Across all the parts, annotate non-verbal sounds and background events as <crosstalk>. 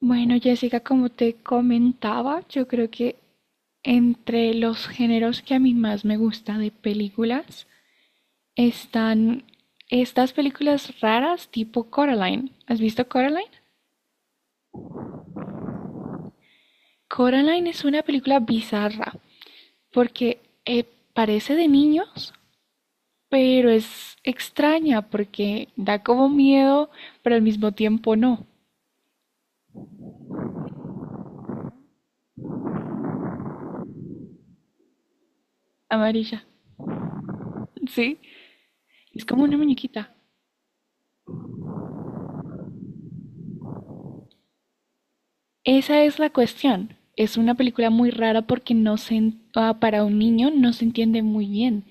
Bueno, Jessica, como te comentaba, yo creo que entre los géneros que a mí más me gusta de películas están estas películas raras tipo Coraline. ¿Has visto Coraline? Coraline es una película bizarra porque parece de niños, pero es extraña porque da como miedo, pero al mismo tiempo no. Amarilla, ¿sí? Es como una muñequita. Esa es la cuestión. Es una película muy rara porque no se, para un niño no se entiende muy bien.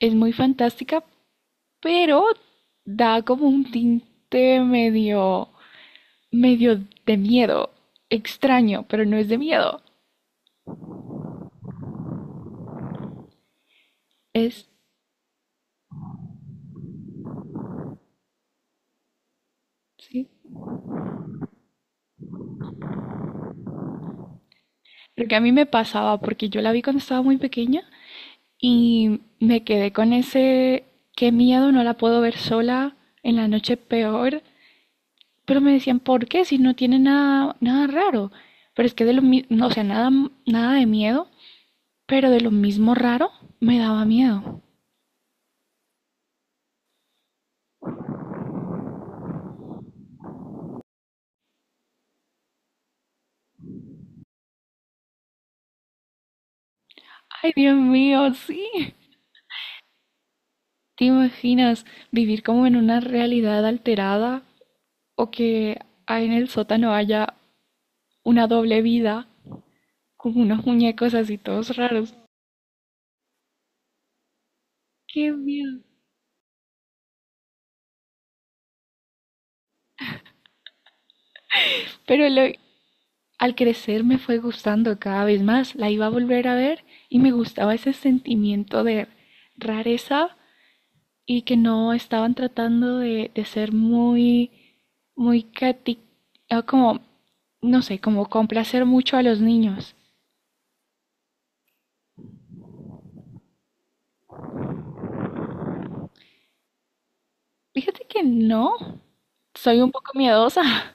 Es muy fantástica, pero da como un tinte medio, medio de miedo. Extraño, pero no es de miedo. Es, sí. Creo que a mí me pasaba porque yo la vi cuando estaba muy pequeña y me quedé con ese, qué miedo, no la puedo ver sola en la noche peor. Pero me decían, ¿por qué? Si no tiene nada, nada raro. Pero es que de lo mismo, o sea, nada, nada de miedo, pero de lo mismo raro me daba miedo. Ay, Dios mío, sí. ¿Te imaginas vivir como en una realidad alterada o que ahí en el sótano haya una doble vida con unos muñecos así todos raros? Qué miedo. Pero lo- Al crecer me fue gustando cada vez más. La iba a volver a ver y me gustaba ese sentimiento de rareza, y que no estaban tratando de ser muy, muy cati- como, no sé, como complacer mucho a los niños. Fíjate que no, soy un poco miedosa. <laughs>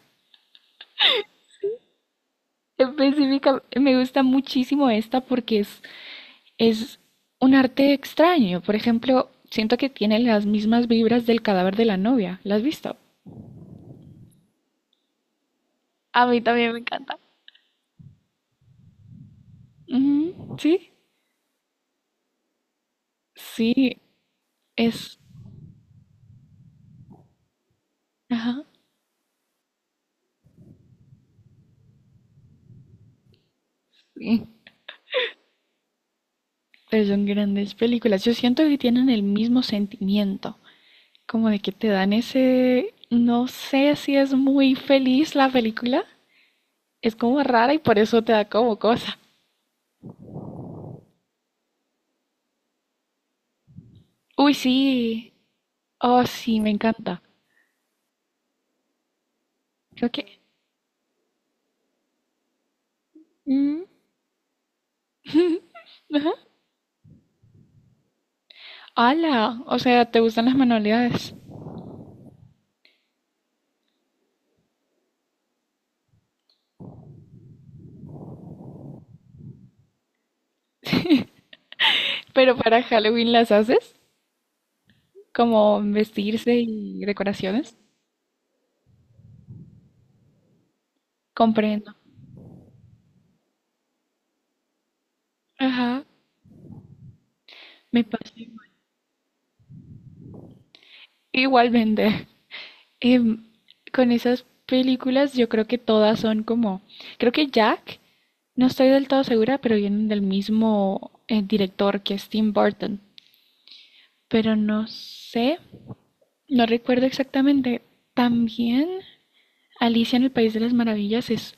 Específica, me gusta muchísimo esta porque es un arte extraño. Por ejemplo, siento que tiene las mismas vibras del cadáver de la novia. ¿La has visto? A mí también me encanta. Ujú, sí, sí, es... Ajá. Sí. Pero son grandes películas. Yo siento que tienen el mismo sentimiento, como de que te dan ese, no sé si es muy feliz la película, es como rara y por eso te da como cosa. Uy, sí. Oh, sí, me encanta. Creo que... Mm. <laughs> Ajá. Ala, o sea, ¿te gustan las manualidades? Pero para Halloween las haces, como vestirse y decoraciones. Comprendo. Ajá, me pasa igual. Igualmente. Em, con esas películas yo creo que todas son como, creo que Jack, no estoy del todo segura, pero vienen del mismo director que es Tim Burton, pero no sé, no recuerdo exactamente. También Alicia en el País de las Maravillas es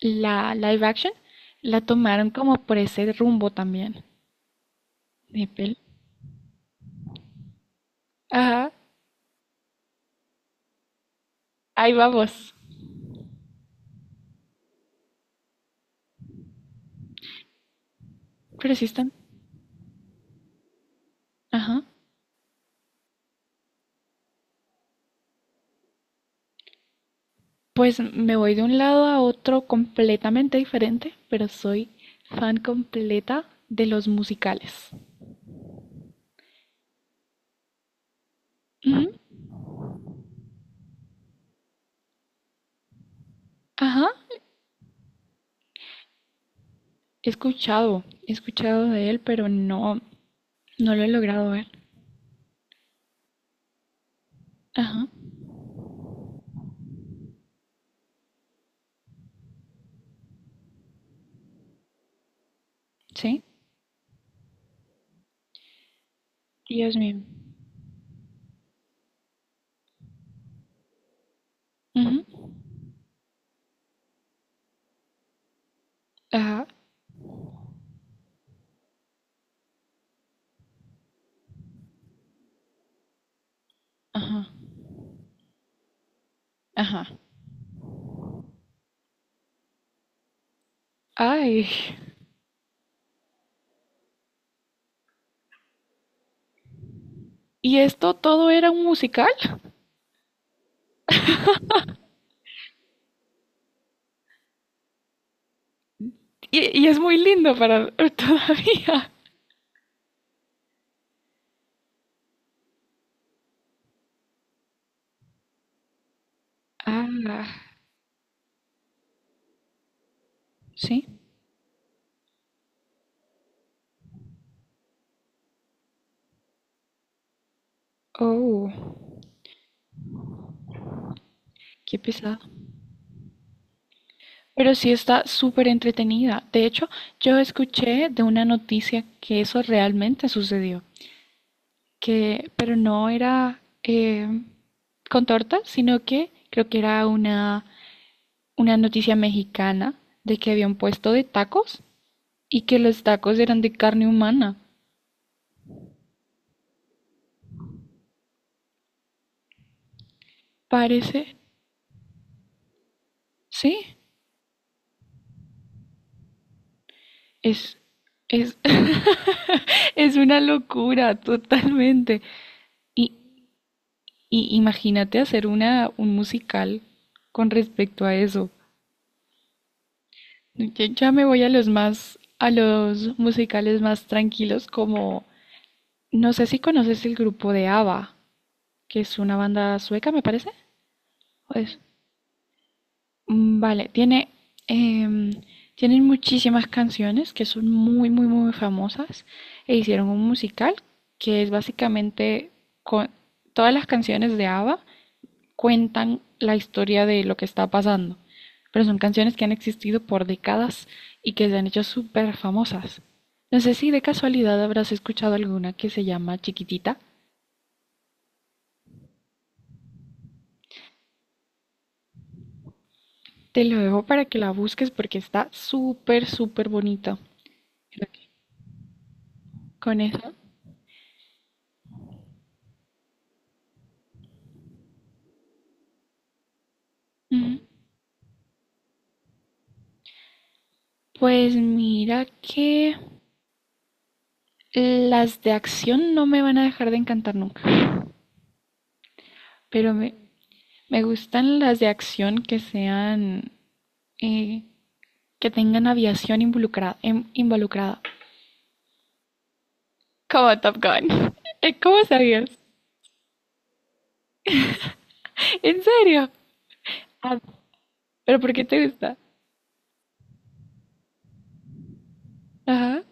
la live action, la tomaron como por ese rumbo también de pel- Ajá, ahí vamos. Pero sí están. Ajá. Pues me voy de un lado a otro completamente diferente, pero soy fan completa de los musicales. Ujú, ajá, he escuchado de él, pero no, no lo he logrado ver. Ajá, sí, Dios mío. Ujú, ajá, ajá, ajá. Ay, ¿y esto todo era un musical? Y es muy lindo para <laughs> todavía. Ah, sí. Oh, qué pesado. Pero sí está súper entretenida. De hecho, yo escuché de una noticia que eso realmente sucedió, que, pero no era con torta, sino que creo que era una noticia mexicana de que había un puesto de tacos y que los tacos eran de carne humana. Parece, sí, es, es, <laughs> es una locura totalmente. Y, y imagínate hacer una, un musical con respecto a eso. Yo ya me voy a los más, a los musicales más tranquilos, como, no sé si conoces el grupo de ABBA, que es una banda sueca, me parece. ¿O es? Vale, tiene, em, tienen muchísimas canciones que son muy, muy, muy famosas e hicieron un musical que es básicamente con todas las canciones de ABBA cuentan la historia de lo que está pasando, pero son canciones que han existido por décadas y que se han hecho súper famosas. No sé si de casualidad habrás escuchado alguna que se llama Chiquitita. Te lo dejo para que la busques porque está súper, súper bonita. Con eso. Ujú. Pues mira que las de acción no me van a dejar de encantar nunca. Pero me, me gustan las de acción que sean eh, que tengan aviación involucrada, involucrada. Como Top Gun. <laughs> ¿Cómo sabías? ¿En serio? Ah, ¿pero por qué te gusta? Ajá.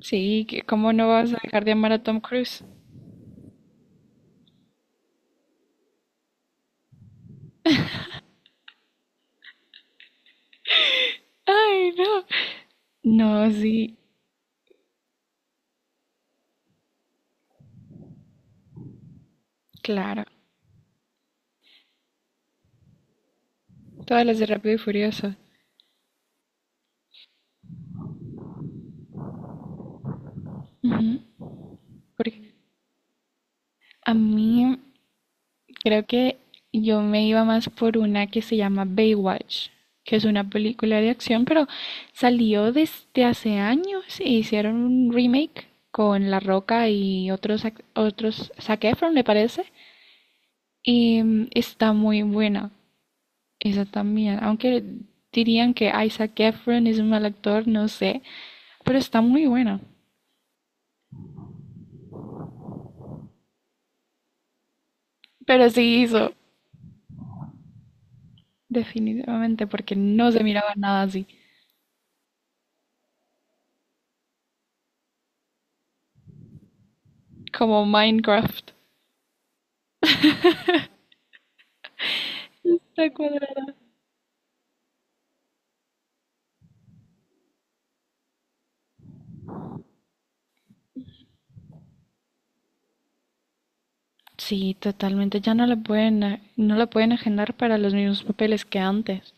Sí, que ¿cómo no vas a dejar de amar a Tom Cruise? Ay, no. No, sí, claro. Todas las de Rápido y Furioso. Ujú. Porque a mí creo que yo me iba más por una que se llama Baywatch, que es una película de acción, pero salió desde hace años e hicieron un remake con La Roca y otros, otros Zac Efron, me parece, y está muy buena esa también, aunque dirían que Isaac Efron es un mal actor, no sé, pero está muy buena. Pero sí hizo, definitivamente, porque no se miraba nada así, como Minecraft. Recuerdo. Sí, totalmente. Ya no la pueden, no la pueden agendar para los mismos papeles que antes.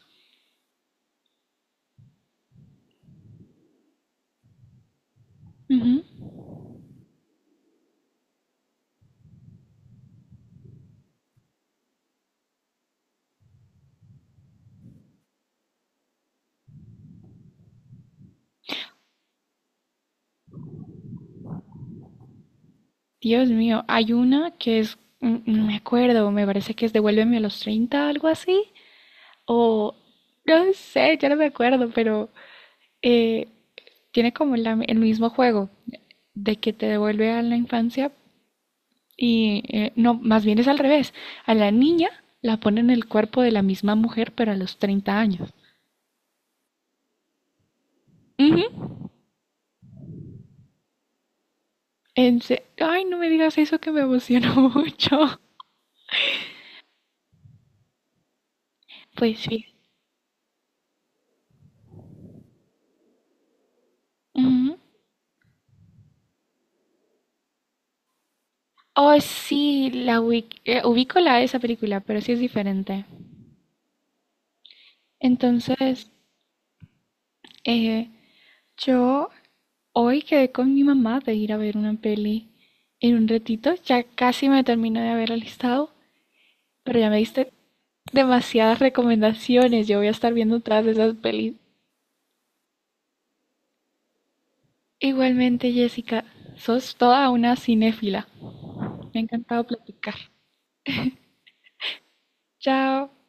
Ujú. Dios mío, hay una que es, no me acuerdo, me parece que es Devuélveme a los 30, algo así. O, no sé, ya no me acuerdo, pero eh, tiene como el mismo juego de que te devuelve a la infancia y, no, más bien es al revés. A la niña la ponen en el cuerpo de la misma mujer, pero a los 30 años. Ujú. Ay, no me digas eso que me emocionó <laughs> mucho. Pues sí. Ujú. Oh, sí, ubico la esa película, pero sí es diferente. Entonces, eh, yo hoy quedé con mi mamá de ir a ver una peli en un ratito. Ya casi me termino de haber alistado, pero ya me diste demasiadas recomendaciones. Yo voy a estar viendo todas esas pelis. Igualmente, Jessica, sos toda una cinéfila. Me ha encantado platicar. Chao.